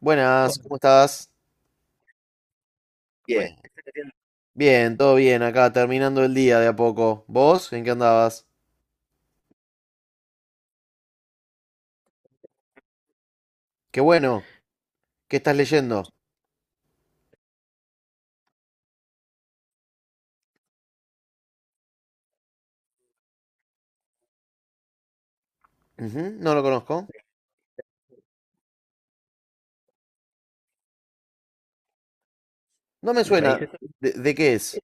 Buenas, ¿cómo estás? Bien, todo bien acá, terminando el día de a poco. ¿Vos? ¿En qué andabas? Qué bueno, ¿qué estás leyendo? Ujú, no lo conozco. No me suena. ¿De qué es?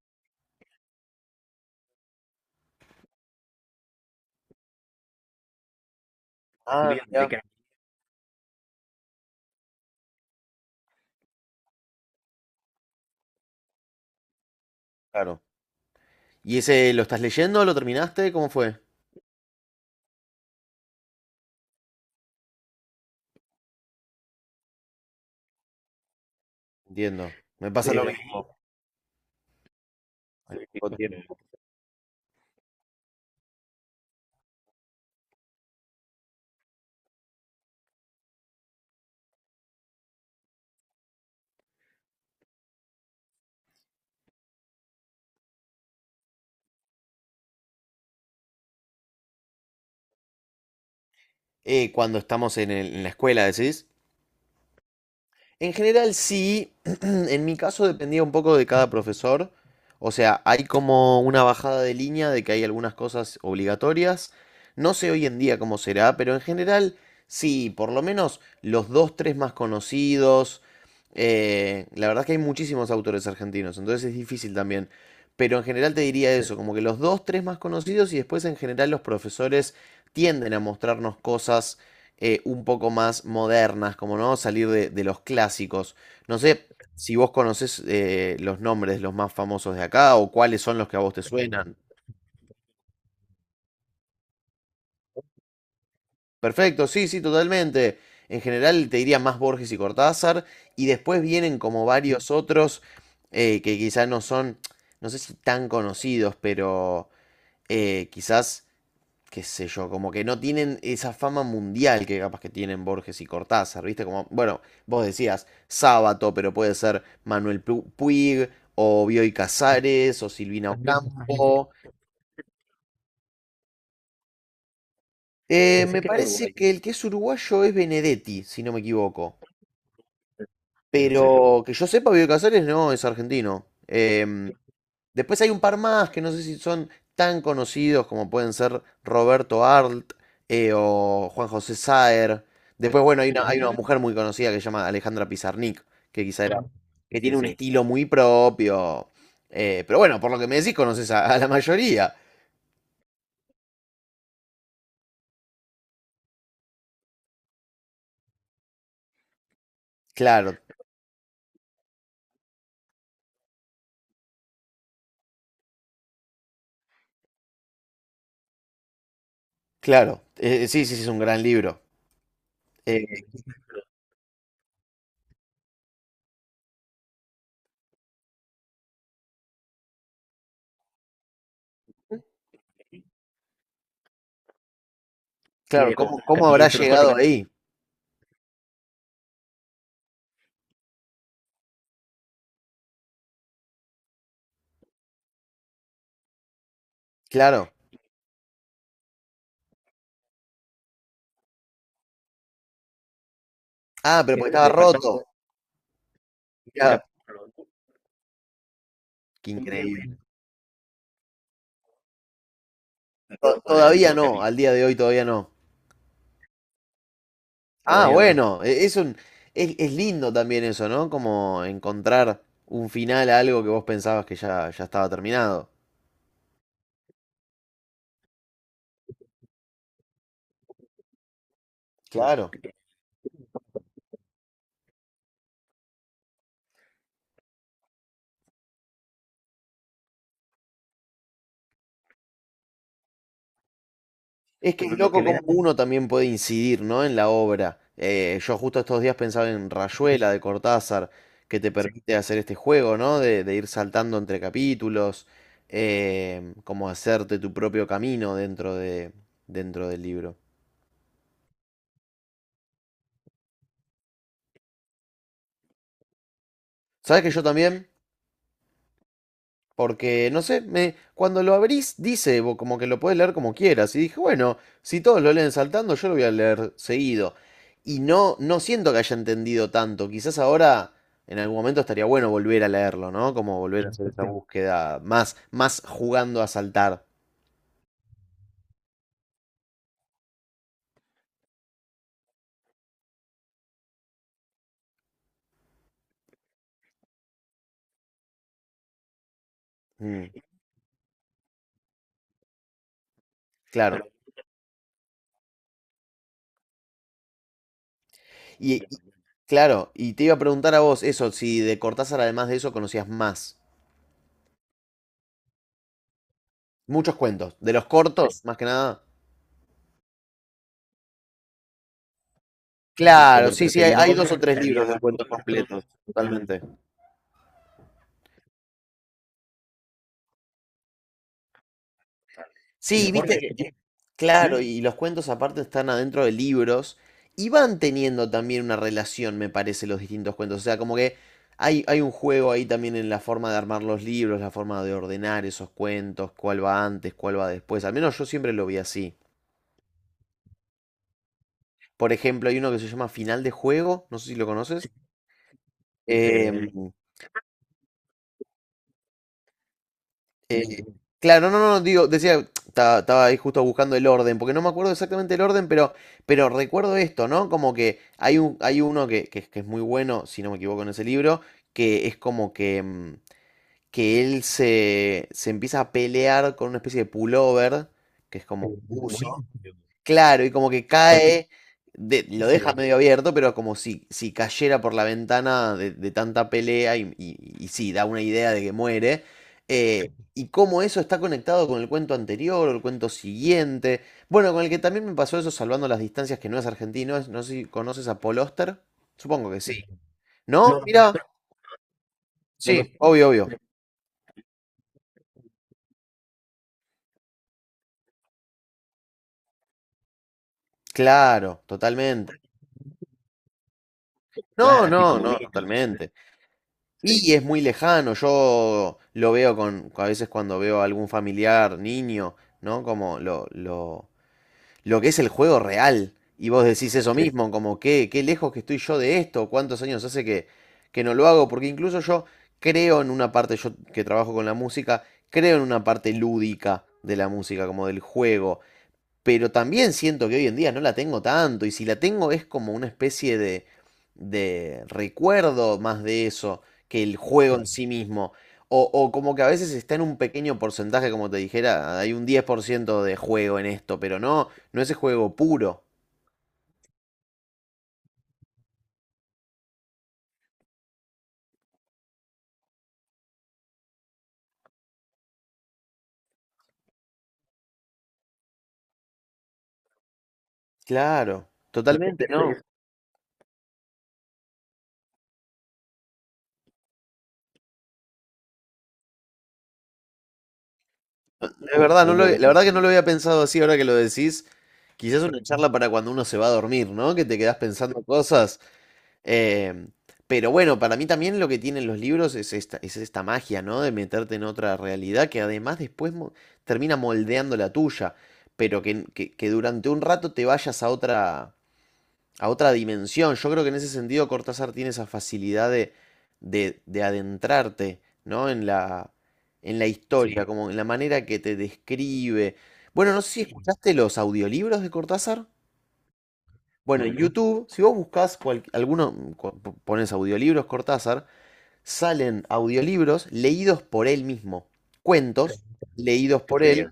Ah, mirá, claro. ¿Y ese lo estás leyendo? ¿Lo terminaste? ¿Cómo fue? Entiendo. Me pasa lo mismo. Cuando estamos en la escuela, ¿decís? En general sí, en mi caso dependía un poco de cada profesor. O sea, hay como una bajada de línea de que hay algunas cosas obligatorias. No sé hoy en día cómo será, pero en general sí, por lo menos los dos, tres más conocidos. La verdad es que hay muchísimos autores argentinos, entonces es difícil también. Pero en general te diría sí, eso, como que los dos, tres más conocidos y después en general los profesores tienden a mostrarnos cosas un poco más modernas, como no salir de los clásicos. No sé si vos conocés los nombres de los más famosos de acá o cuáles son los que a vos te suenan. Perfecto, sí, sí, totalmente. En general te diría más Borges y Cortázar y después vienen como varios otros que quizás no son, no sé si tan conocidos, pero quizás qué sé yo, como que no tienen esa fama mundial que capaz que tienen Borges y Cortázar, ¿viste? Como, bueno, vos decías Sábato, pero puede ser Manuel Puig, o Bioy Casares, o Silvina Ocampo. Me parece que el que es uruguayo es Benedetti, si no me equivoco. Pero que yo sepa, Bioy Casares no es argentino. Después hay un par más que no sé si son tan conocidos como pueden ser Roberto Arlt o Juan José Saer. Después, bueno, hay una mujer muy conocida que se llama Alejandra Pizarnik, que quizá era, claro, que sí, tiene un sí. estilo muy propio. Pero bueno, por lo que me decís, conoces a la mayoría. Claro, claro. Sí, sí, sí, es un gran libro. Eh, claro, sí, la cómo habrá pintura llegado solamente ahí? Claro. Ah, pero porque estaba le faltaba, roto. Mirá, era, qué increíble. Todavía no, al día de hoy todavía no. Ah, todavía no, bueno, es un, es lindo también eso, ¿no? Como encontrar un final a algo que vos pensabas que ya, ya estaba terminado. Claro. Es que Yo es Lo que loco le cómo da. Uno también puede incidir, ¿no? En la obra. Yo justo estos días pensaba en Rayuela de Cortázar, que te Sí. permite hacer este juego, ¿no? De ir saltando entre capítulos, como hacerte tu propio camino dentro del libro. ¿Sabes que yo también? Porque, no sé, me, cuando lo abrís dice como que lo podés leer como quieras. Y dije, bueno, si todos lo leen saltando, yo lo voy a leer seguido. Y no, no siento que haya entendido tanto. Quizás ahora, en algún momento, estaría bueno volver a leerlo, ¿no? Como volver a hacer esa búsqueda más, más jugando a saltar. Mm, claro. Y, y- claro, y te iba a preguntar a vos eso, si de Cortázar, además de eso, conocías más. Muchos cuentos. De los cortos, más que nada. Claro, sí, sí, hay dos o tres libros de cuentos completos, totalmente. Sí, viste que, claro, y los cuentos aparte están adentro de libros y van teniendo también una relación, me parece, los distintos cuentos. O sea, como que hay un juego ahí también en la forma de armar los libros, la forma de ordenar esos cuentos, cuál va antes, cuál va después. Al menos yo siempre lo vi así. Por ejemplo, hay uno que se llama Final de Juego, no sé si lo conoces. Eh, claro, no, no, no, digo, decía, estaba ahí justo buscando el orden, porque no me acuerdo exactamente el orden, pero recuerdo esto, ¿no? Como que hay un, hay uno que es muy bueno, si no me equivoco, en ese libro, que es como que, mm, que él se, se empieza a pelear con una especie de pullover, que es como un buzo. Claro, y como que cae, lo deja medio abierto, pero como si, si cayera por la ventana de tanta pelea y sí, da una idea de que muere. Y cómo eso está conectado con el cuento anterior o el cuento siguiente. Bueno, con el que también me pasó eso, salvando las distancias, que no es argentino, no sé si conoces a Paul Oster. Supongo que sí. ¿No? No, mira, no, no, sí, obvio, obvio. Claro, totalmente. No, claro, es no, como no, lejos, totalmente. Sí. Y es muy lejano, yo lo veo con, a veces cuando veo a algún familiar, niño, ¿no? Como lo que es el juego real. Y vos decís eso Sí. mismo, como qué, qué lejos que estoy yo de esto, cuántos años hace que no lo hago, porque incluso yo creo en una parte, yo que trabajo con la música, creo en una parte lúdica de la música, como del juego, pero también siento que hoy en día no la tengo tanto, y si la tengo es como una especie de recuerdo más de eso que el juego en Claro. sí mismo. O como que a veces está en un pequeño porcentaje, como te dijera, hay un 10% de juego en esto, pero no, no ese juego puro. Claro, totalmente, no es verdad, no lo, algo la verdad que no lo había pensado así ahora que lo decís. Quizás una charla para cuando uno se va a dormir, ¿no? Que te quedás pensando cosas. Eh, pero bueno, para mí también lo que tienen los libros es esta magia, ¿no? De meterte en otra realidad que además después termina moldeando la tuya, pero que, que durante un rato te vayas a otra dimensión. Yo creo que en ese sentido Cortázar tiene esa facilidad de adentrarte, ¿no? En la historia, Sí. como en la manera que te describe. Bueno, no sé si Sí. escuchaste los audiolibros de Cortázar. Bueno, YouTube, si vos buscás alguno, pones audiolibros Cortázar, salen audiolibros leídos por él mismo, qué cuentos leídos qué por él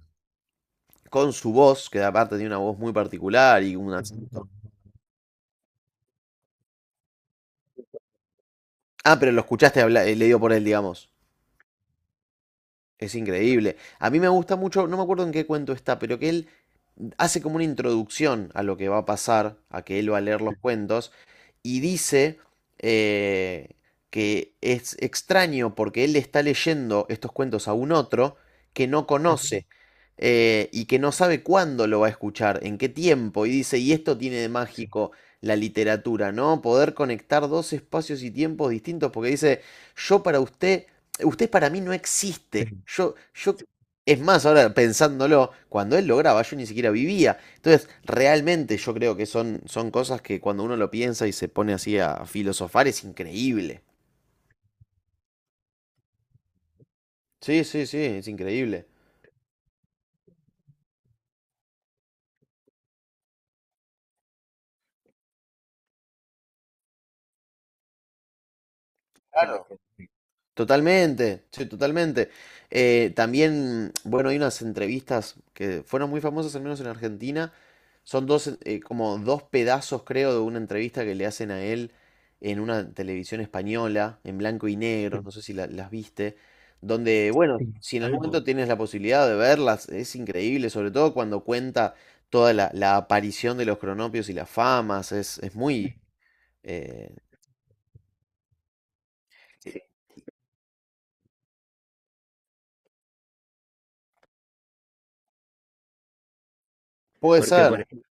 con su voz, que aparte tiene una voz muy particular y una... Ah, pero lo escuchaste leído por él, digamos. Es increíble. A mí me gusta mucho, no me acuerdo en qué cuento está, pero que él hace como una introducción a lo que va a pasar, a que él va a leer los cuentos, y dice eh, que es extraño porque él le está leyendo estos cuentos a un otro que no conoce, y que no sabe cuándo lo va a escuchar, en qué tiempo, y dice, y esto tiene de mágico la literatura, ¿no? Poder conectar dos espacios y tiempos distintos, porque dice, yo para usted, usted para mí no existe. Sí, es más, ahora pensándolo, cuando él lo graba, yo ni siquiera vivía. Entonces, realmente yo creo que son, son cosas que cuando uno lo piensa y se pone así a filosofar es increíble. Sí, sí, sí, es increíble. Claro. Totalmente, sí, totalmente. También, bueno, hay unas entrevistas que fueron muy famosas, al menos en Argentina. Son dos, como dos pedazos, creo, de una entrevista que le hacen a él en una televisión española, en blanco y negro. Sí, no sé si las viste, donde, bueno, sí, si en algún algo. Momento tienes la posibilidad de verlas, es increíble, sobre todo cuando cuenta toda la, la aparición de los cronopios y las famas, es muy... eh, puede Porque, por ser,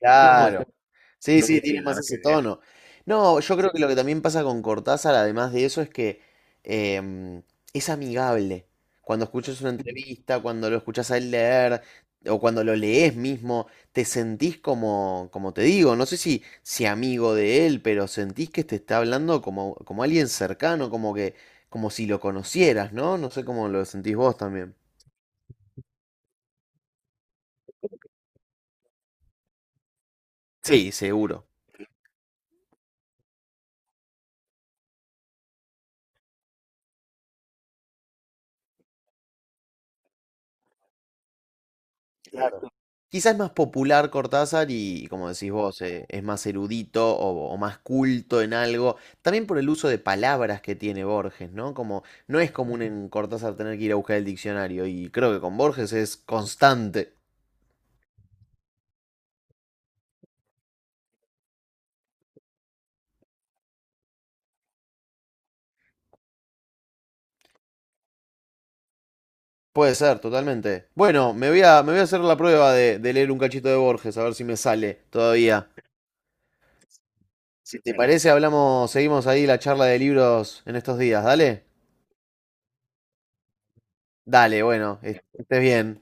claro. Sí, sí, tiene más ese tono. No, yo creo que lo que también pasa con Cortázar, además de eso, es que em, es amigable. Cuando escuchas una entrevista, cuando lo escuchas a él leer, o cuando lo lees mismo, te sentís como, como te digo, no sé si, si amigo de él, pero sentís que te está hablando como, como alguien cercano, como que, como si lo conocieras, ¿no? No sé cómo lo sentís vos también. Sí, seguro. Quizás es más popular Cortázar y, como decís vos, es más erudito o más culto en algo. También por el uso de palabras que tiene Borges, ¿no? Como no es común en Cortázar tener que ir a buscar el diccionario y creo que con Borges es constante. Puede ser, totalmente. Bueno, me voy a hacer la prueba de leer un cachito de Borges, a ver si me sale todavía. Si te parece, hablamos, seguimos ahí la charla de libros en estos días, ¿dale? Dale, bueno, estés bien.